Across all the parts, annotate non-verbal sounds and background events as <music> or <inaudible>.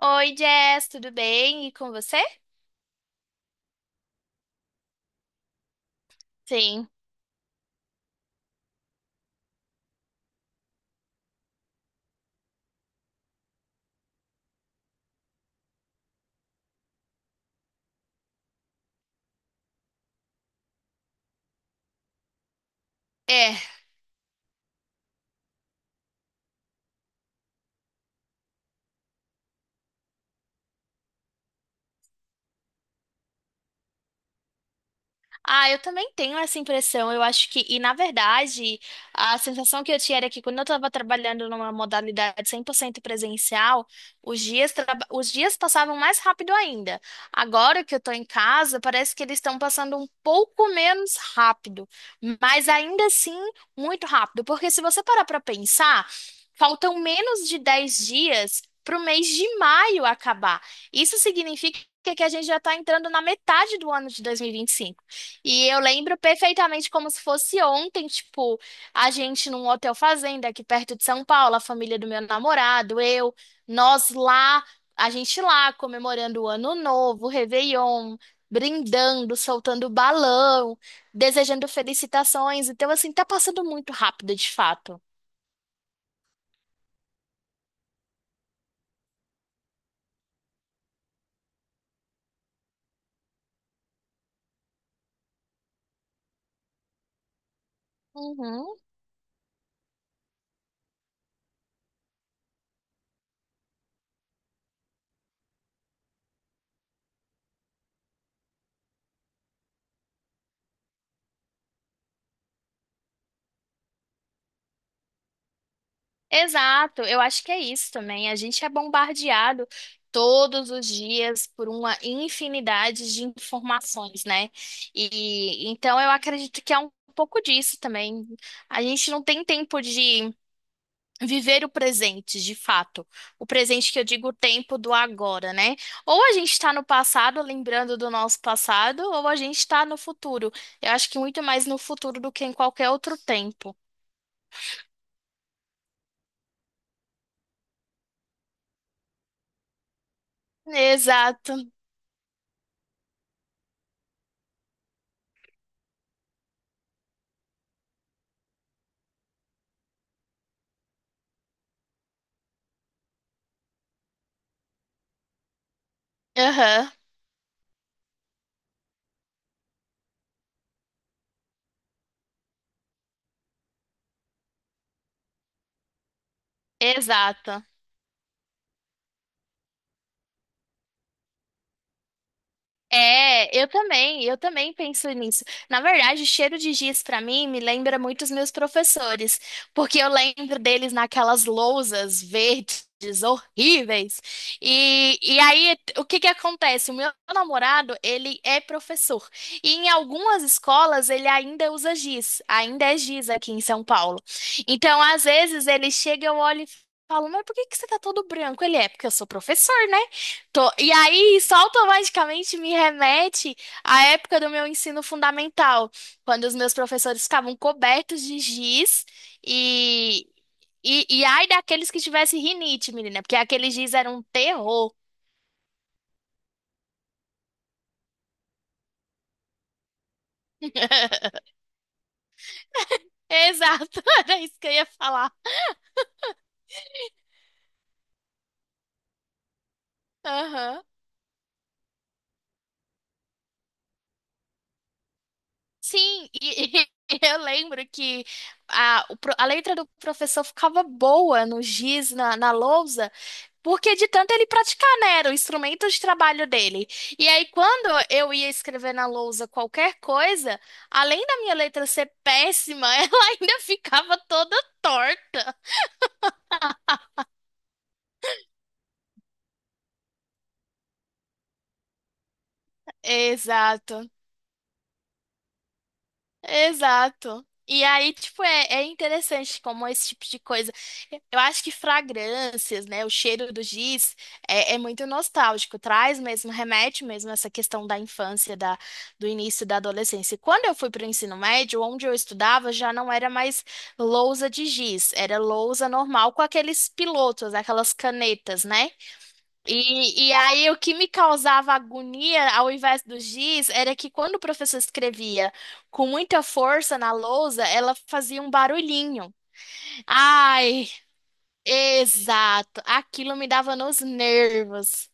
Oi, Jess, tudo bem? E com você? Sim. É. Ah, eu também tenho essa impressão. Eu acho que, e na verdade, a sensação que eu tinha era que quando eu estava trabalhando numa modalidade 100% presencial, os dias passavam mais rápido ainda. Agora que eu estou em casa, parece que eles estão passando um pouco menos rápido, mas ainda assim muito rápido. Porque se você parar para pensar, faltam menos de 10 dias para o mês de maio acabar. Isso significa que a gente já está entrando na metade do ano de dois mil e vinte e cinco. E eu lembro perfeitamente como se fosse ontem, tipo, a gente num hotel fazenda aqui perto de São Paulo, a família do meu namorado, eu, nós lá, a gente lá comemorando o Ano Novo, o Réveillon, brindando, soltando balão, desejando felicitações. Então, assim, tá passando muito rápido, de fato. Uhum. Exato, eu acho que é isso também. A gente é bombardeado todos os dias por uma infinidade de informações, né? E então eu acredito que é um pouco disso também. A gente não tem tempo de viver o presente, de fato. O presente que eu digo, o tempo do agora, né? Ou a gente está no passado, lembrando do nosso passado, ou a gente está no futuro. Eu acho que muito mais no futuro do que em qualquer outro tempo. Exato. Aham. Exato. É, eu também penso nisso. Na verdade, cheiro de giz pra mim me lembra muito os meus professores, porque eu lembro deles naquelas lousas verdes horríveis. E aí, o que que acontece? O meu namorado, ele é professor. E em algumas escolas ele ainda usa giz, ainda é giz aqui em São Paulo. Então, às vezes ele chega, eu olho e falo, mas por que que você tá todo branco? Ele é, porque eu sou professor, né? E aí, isso automaticamente me remete à época do meu ensino fundamental, quando os meus professores ficavam cobertos de giz e, e ai daqueles que tivessem rinite, menina, porque aquele giz era um terror. <laughs> Exato, <laughs> era isso que eu ia falar. Aham. Sim, e, <laughs> e eu lembro que a letra do professor ficava boa no giz, na lousa. Porque de tanto ele praticar, né? Era o instrumento de trabalho dele. E aí, quando eu ia escrever na lousa qualquer coisa, além da minha letra ser péssima, <laughs> ela ainda ficava toda torta. Exato. Exato. E aí, tipo, é interessante como esse tipo de coisa. Eu acho que fragrâncias, né? O cheiro do giz é muito nostálgico, traz mesmo, remete mesmo a essa questão da infância, da, do início da adolescência. E quando eu fui para o ensino médio, onde eu estudava, já não era mais lousa de giz, era lousa normal com aqueles pilotos, aquelas canetas, né? E aí, o que me causava agonia ao invés do giz era que quando o professor escrevia com muita força na lousa, ela fazia um barulhinho. Ai, exato. Aquilo me dava nos nervos.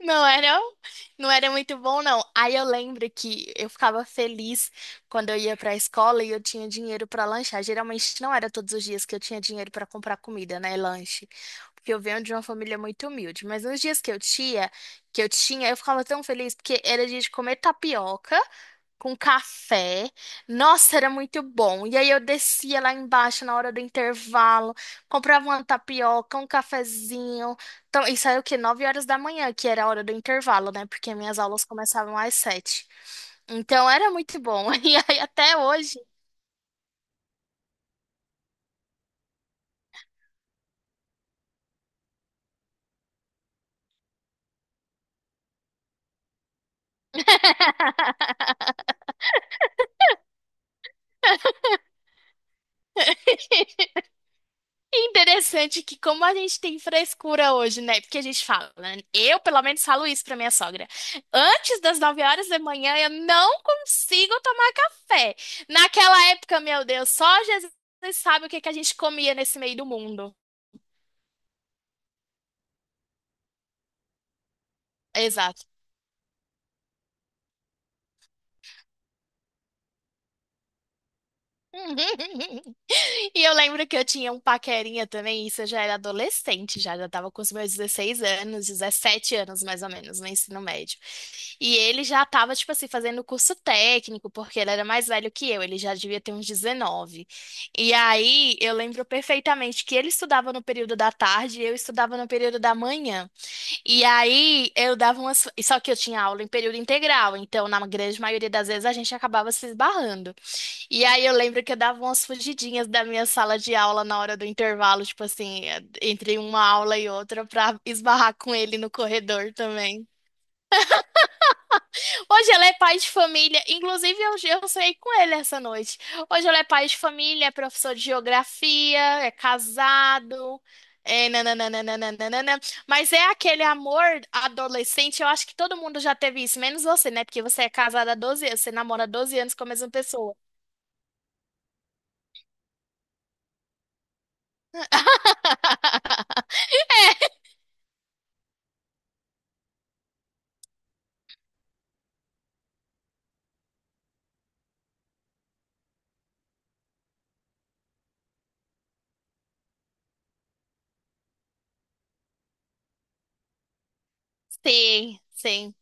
Não era, não era muito bom, não. Aí eu lembro que eu ficava feliz quando eu ia pra escola e eu tinha dinheiro pra lanchar. Geralmente não era todos os dias que eu tinha dinheiro pra comprar comida, né, lanche. Porque eu venho de uma família muito humilde, mas nos dias que eu tinha, eu ficava tão feliz porque era dia de comer tapioca com café. Nossa, era muito bom. E aí eu descia lá embaixo na hora do intervalo, comprava uma tapioca, um cafezinho. Então, isso aí é o quê? 9 horas da manhã, que era a hora do intervalo, né? Porque minhas aulas começavam às 7. Então era muito bom. <laughs> E aí até hoje. <laughs> E interessante que como a gente tem frescura hoje, né? Porque a gente fala, né? Eu pelo menos falo isso pra minha sogra. Antes das 9 horas da manhã eu não consigo tomar café. Naquela época, meu Deus, só Jesus sabe o que que a gente comia nesse meio do mundo. Exato. <laughs> E eu lembro que eu tinha um paquerinha também, isso eu já era adolescente, já tava com os meus 16 anos, 17 anos mais ou menos, no ensino médio. E ele já tava, tipo assim, fazendo curso técnico, porque ele era mais velho que eu, ele já devia ter uns 19. E aí eu lembro perfeitamente que ele estudava no período da tarde e eu estudava no período da manhã. E aí eu dava umas. Só que eu tinha aula em período integral, então na grande maioria das vezes a gente acabava se esbarrando. E aí eu lembro que eu dava umas fugidinhas da minha sala de aula na hora do intervalo, tipo assim, entre uma aula e outra, pra esbarrar com ele no corredor também. Hoje ele é pai de família, inclusive eu saí com ele essa noite. Hoje ele é pai de família, é professor de geografia, é casado, é nananana. Mas é aquele amor adolescente, eu acho que todo mundo já teve isso, menos você, né? Porque você é casada há 12 anos, você namora há 12 anos com a mesma pessoa. <laughs> Sim, sim.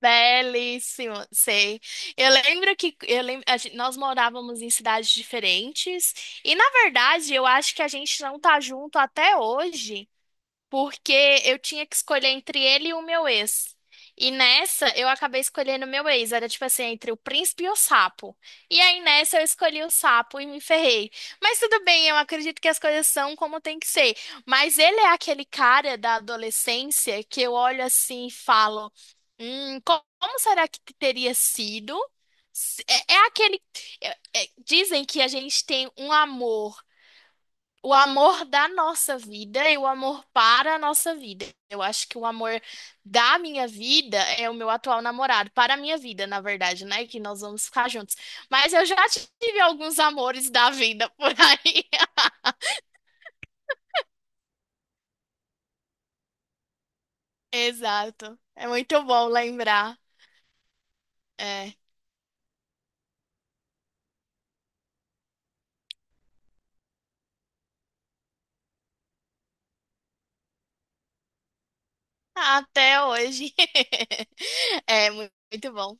Belíssimo, sei. Eu lembro, nós morávamos em cidades diferentes e, na verdade, eu acho que a gente não tá junto até hoje, porque eu tinha que escolher entre ele e o meu ex. E nessa, eu acabei escolhendo o meu ex. Era tipo assim, entre o príncipe e o sapo. E aí nessa, eu escolhi o sapo e me ferrei. Mas tudo bem, eu acredito que as coisas são como tem que ser. Mas ele é aquele cara da adolescência que eu olho assim e falo: como será que teria sido? É aquele. Dizem que a gente tem um amor o amor da nossa vida e o amor para a nossa vida. Eu acho que o amor da minha vida é o meu atual namorado, para a minha vida, na verdade, né? Que nós vamos ficar juntos. Mas eu já tive alguns amores da vida por aí. <laughs> Exato. É muito bom lembrar. É. Até hoje. <laughs> É muito bom.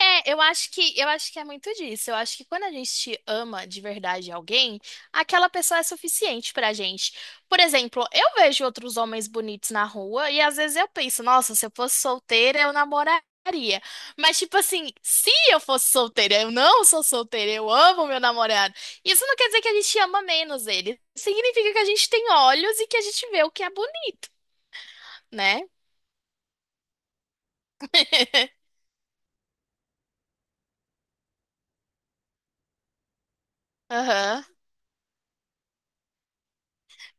É, eu acho que é muito disso. Eu acho que quando a gente ama de verdade alguém, aquela pessoa é suficiente pra gente. Por exemplo, eu vejo outros homens bonitos na rua e às vezes eu penso, nossa, se eu fosse solteira, eu namoraria. Mas tipo assim, se eu fosse solteira, eu não sou solteira, eu amo meu namorado. Isso não quer dizer que a gente ama menos ele. Significa que a gente tem olhos e que a gente vê o que é bonito, né? <laughs> Aham.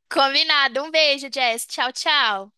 Combinado. Um beijo, Jess. Tchau, tchau.